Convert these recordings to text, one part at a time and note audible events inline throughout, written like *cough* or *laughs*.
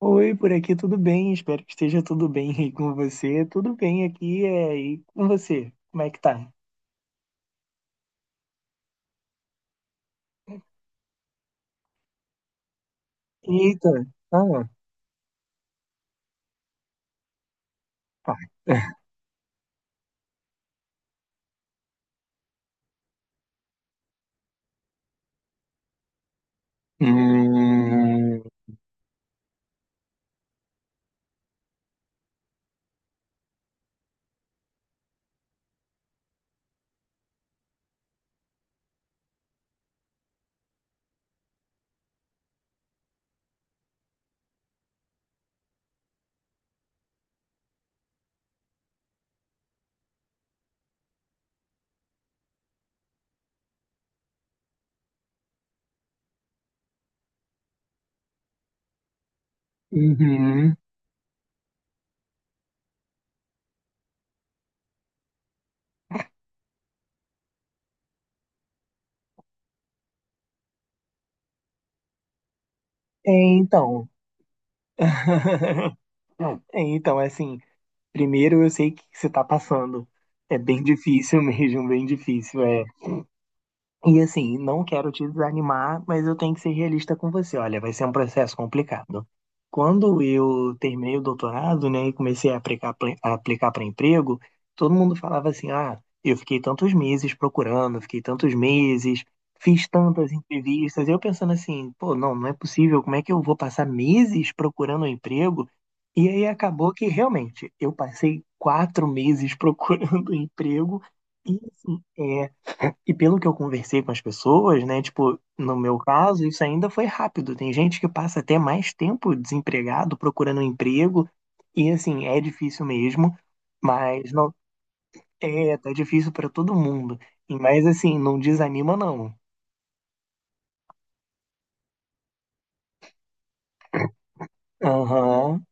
Oi, por aqui tudo bem? Espero que esteja tudo bem aí com você. Tudo bem aqui e com você? Como é que tá? Eita, ah, tá. *laughs* Hum, uhum. É, então. *laughs* É, então, é assim, primeiro eu sei que você tá passando. É bem difícil *laughs* mesmo, bem difícil, é. E assim, não quero te desanimar, mas eu tenho que ser realista com você. Olha, vai ser um processo complicado. Quando eu terminei o doutorado, né, e comecei a aplicar para emprego, todo mundo falava assim: ah, eu fiquei tantos meses procurando, fiquei tantos meses, fiz tantas entrevistas. Eu pensando assim: pô, não é possível, como é que eu vou passar meses procurando um emprego? E aí acabou que realmente eu passei quatro meses procurando *laughs* emprego. E assim, é, e pelo que eu conversei com as pessoas, né? Tipo, no meu caso, isso ainda foi rápido. Tem gente que passa até mais tempo desempregado procurando um emprego. E assim, é difícil mesmo, mas não é, tá difícil para todo mundo. E mas assim, não desanima não. Aham.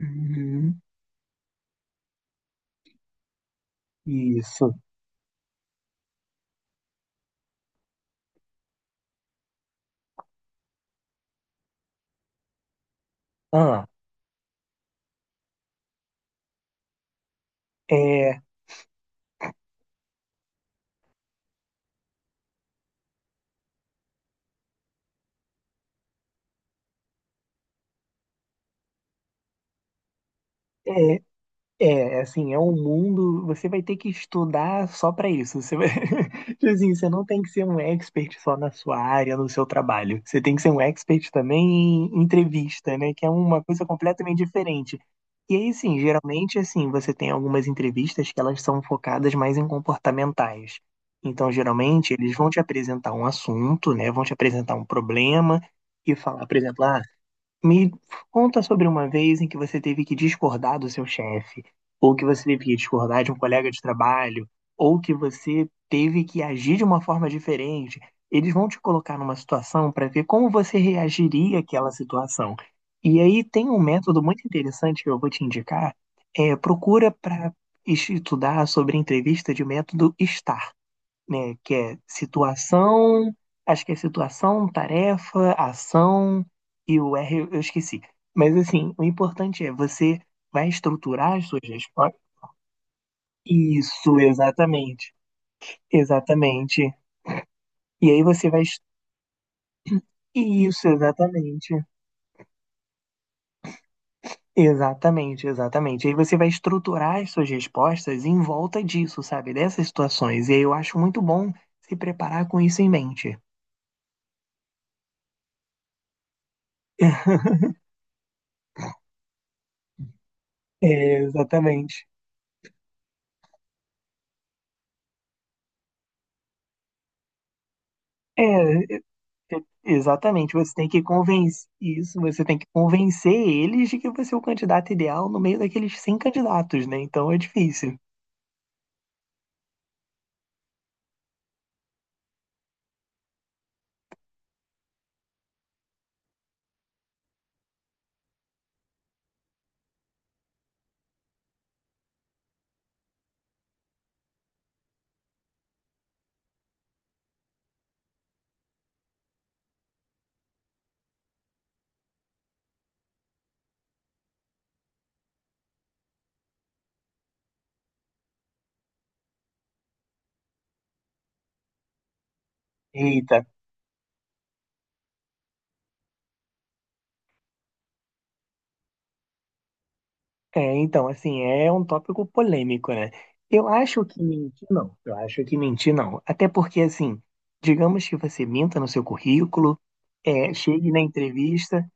Uhum. Isso. Ah, é, é, é, assim, é um mundo, você vai ter que estudar só para isso. Você vai... *laughs* Tipo assim, você não tem que ser um expert só na sua área, no seu trabalho. Você tem que ser um expert também em entrevista, né? Que é uma coisa completamente diferente. E aí, sim, geralmente, assim, você tem algumas entrevistas que elas são focadas mais em comportamentais. Então, geralmente, eles vão te apresentar um assunto, né? Vão te apresentar um problema e falar, por exemplo, ah, me conta sobre uma vez em que você teve que discordar do seu chefe, ou que você teve que discordar de um colega de trabalho, ou que você teve que agir de uma forma diferente. Eles vão te colocar numa situação para ver como você reagiria àquela situação. E aí tem um método muito interessante que eu vou te indicar. É, procura para estudar sobre entrevista de método STAR, né? Que é situação, acho que é situação, tarefa, ação e o R eu esqueci. Mas assim, o importante é você vai estruturar as suas respostas. Isso, exatamente. Exatamente. E aí você vai. Isso, exatamente. Exatamente. Aí você vai estruturar as suas respostas em volta disso, sabe? Dessas situações. E aí eu acho muito bom se preparar com isso em mente. *laughs* É, exatamente. É, exatamente, você tem que convencer isso, você tem que convencer eles de que você é o candidato ideal no meio daqueles 100 candidatos, né? Então é difícil. Eita. É, então, assim, é um tópico polêmico, né? Eu acho que mentir não. Até porque, assim, digamos que você minta no seu currículo, é, chegue na entrevista.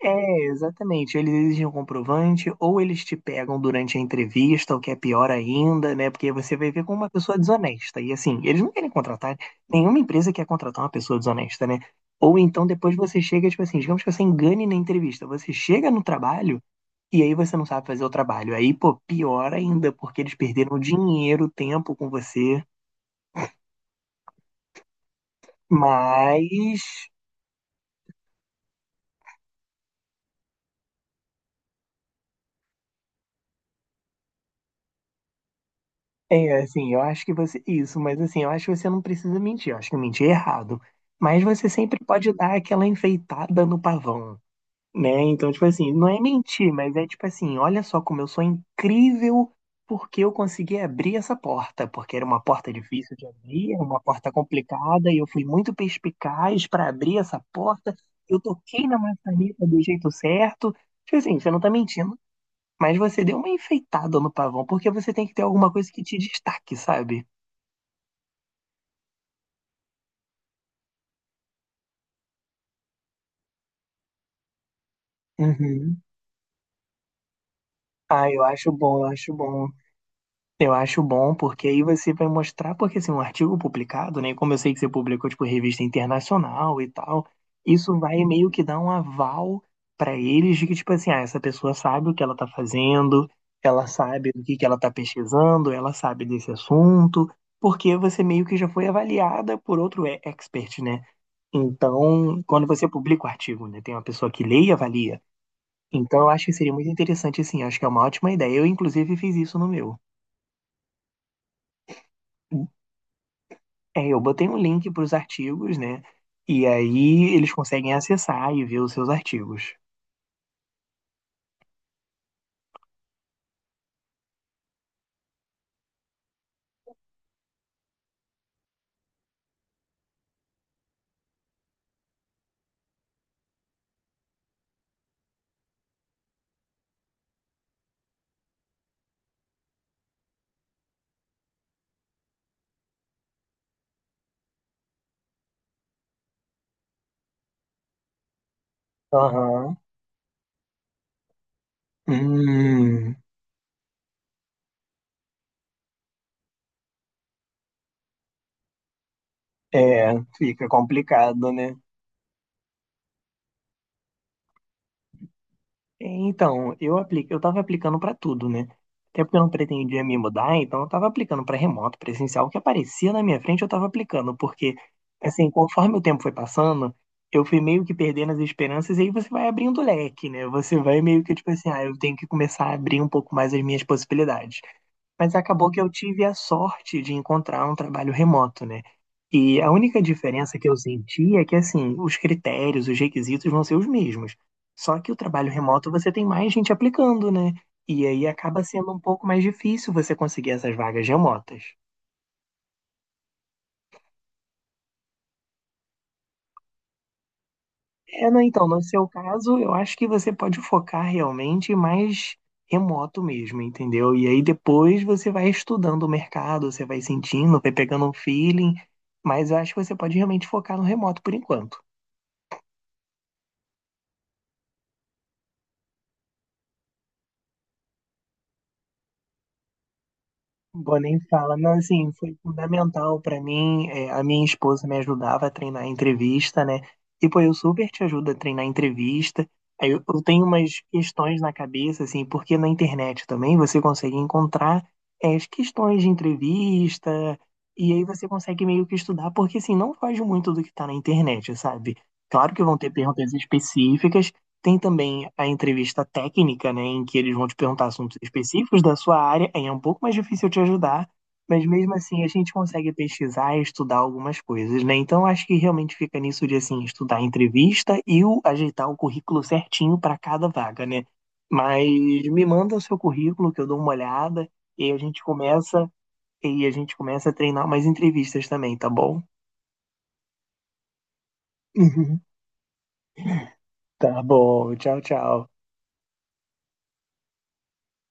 É, exatamente. Eles exigem um comprovante, ou eles te pegam durante a entrevista, o que é pior ainda, né? Porque você vai ver com uma pessoa desonesta. E assim, eles não querem contratar, nenhuma empresa quer contratar uma pessoa desonesta, né? Ou então depois você chega, tipo assim, digamos que você engane na entrevista. Você chega no trabalho e aí você não sabe fazer o trabalho. Aí, pô, pior ainda, porque eles perderam dinheiro, tempo com você. Mas é, assim, eu acho que você. Isso, mas assim, eu acho que você não precisa mentir. Eu acho que eu menti errado. Mas você sempre pode dar aquela enfeitada no pavão, né? Então, tipo assim, não é mentir, mas é tipo assim: olha só como eu sou incrível porque eu consegui abrir essa porta. Porque era uma porta difícil de abrir, era uma porta complicada, e eu fui muito perspicaz para abrir essa porta. Eu toquei na maçaneta do jeito certo. Tipo assim, você não tá mentindo. Mas você deu uma enfeitada no pavão, porque você tem que ter alguma coisa que te destaque, sabe? Uhum. Ah, eu acho bom. Eu acho bom, porque aí você vai mostrar, porque assim, um artigo publicado, né? Como eu sei que você publicou, tipo, revista internacional e tal, isso vai meio que dar um aval pra eles de que, tipo assim, ah, essa pessoa sabe o que ela tá fazendo, ela sabe do que ela tá pesquisando, ela sabe desse assunto, porque você meio que já foi avaliada por outro expert, né? Então, quando você publica o artigo, né, tem uma pessoa que lê e avalia. Então, eu acho que seria muito interessante, sim. Acho que é uma ótima ideia. Eu, inclusive, fiz isso no meu. É, eu botei um link para os artigos, né? E aí eles conseguem acessar e ver os seus artigos. Aham. Hum, é, fica complicado, né? É, então, eu aplico, eu tava aplicando pra tudo, né? Até porque eu não pretendia me mudar, então eu tava aplicando pra remoto, presencial, o que aparecia na minha frente eu tava aplicando, porque assim, conforme o tempo foi passando, eu fui meio que perdendo as esperanças e aí você vai abrindo o leque, né? Você vai meio que tipo assim, ah, eu tenho que começar a abrir um pouco mais as minhas possibilidades. Mas acabou que eu tive a sorte de encontrar um trabalho remoto, né? E a única diferença que eu senti é que, assim, os critérios, os requisitos vão ser os mesmos. Só que o trabalho remoto você tem mais gente aplicando, né? E aí acaba sendo um pouco mais difícil você conseguir essas vagas remotas. É, não, então, no seu caso, eu acho que você pode focar realmente mais remoto mesmo, entendeu? E aí depois você vai estudando o mercado, você vai sentindo, vai pegando um feeling, mas eu acho que você pode realmente focar no remoto por enquanto. Bom, nem fala, mas assim, foi fundamental pra mim. É, a minha esposa me ajudava a treinar a entrevista, né? E pô, eu super te ajudo a treinar a entrevista. Aí eu tenho umas questões na cabeça, assim, porque na internet também você consegue encontrar as questões de entrevista, e aí você consegue meio que estudar, porque assim, não foge muito do que tá na internet, sabe? Claro que vão ter perguntas específicas, tem também a entrevista técnica, né, em que eles vão te perguntar assuntos específicos da sua área, aí é um pouco mais difícil te ajudar, mas mesmo assim a gente consegue pesquisar e estudar algumas coisas, né? Então acho que realmente fica nisso de assim estudar a entrevista e o, ajeitar o currículo certinho para cada vaga, né? Mas me manda o seu currículo que eu dou uma olhada e a gente começa e a gente começa a treinar mais entrevistas também, tá bom? *laughs* Tá bom, tchau, tchau.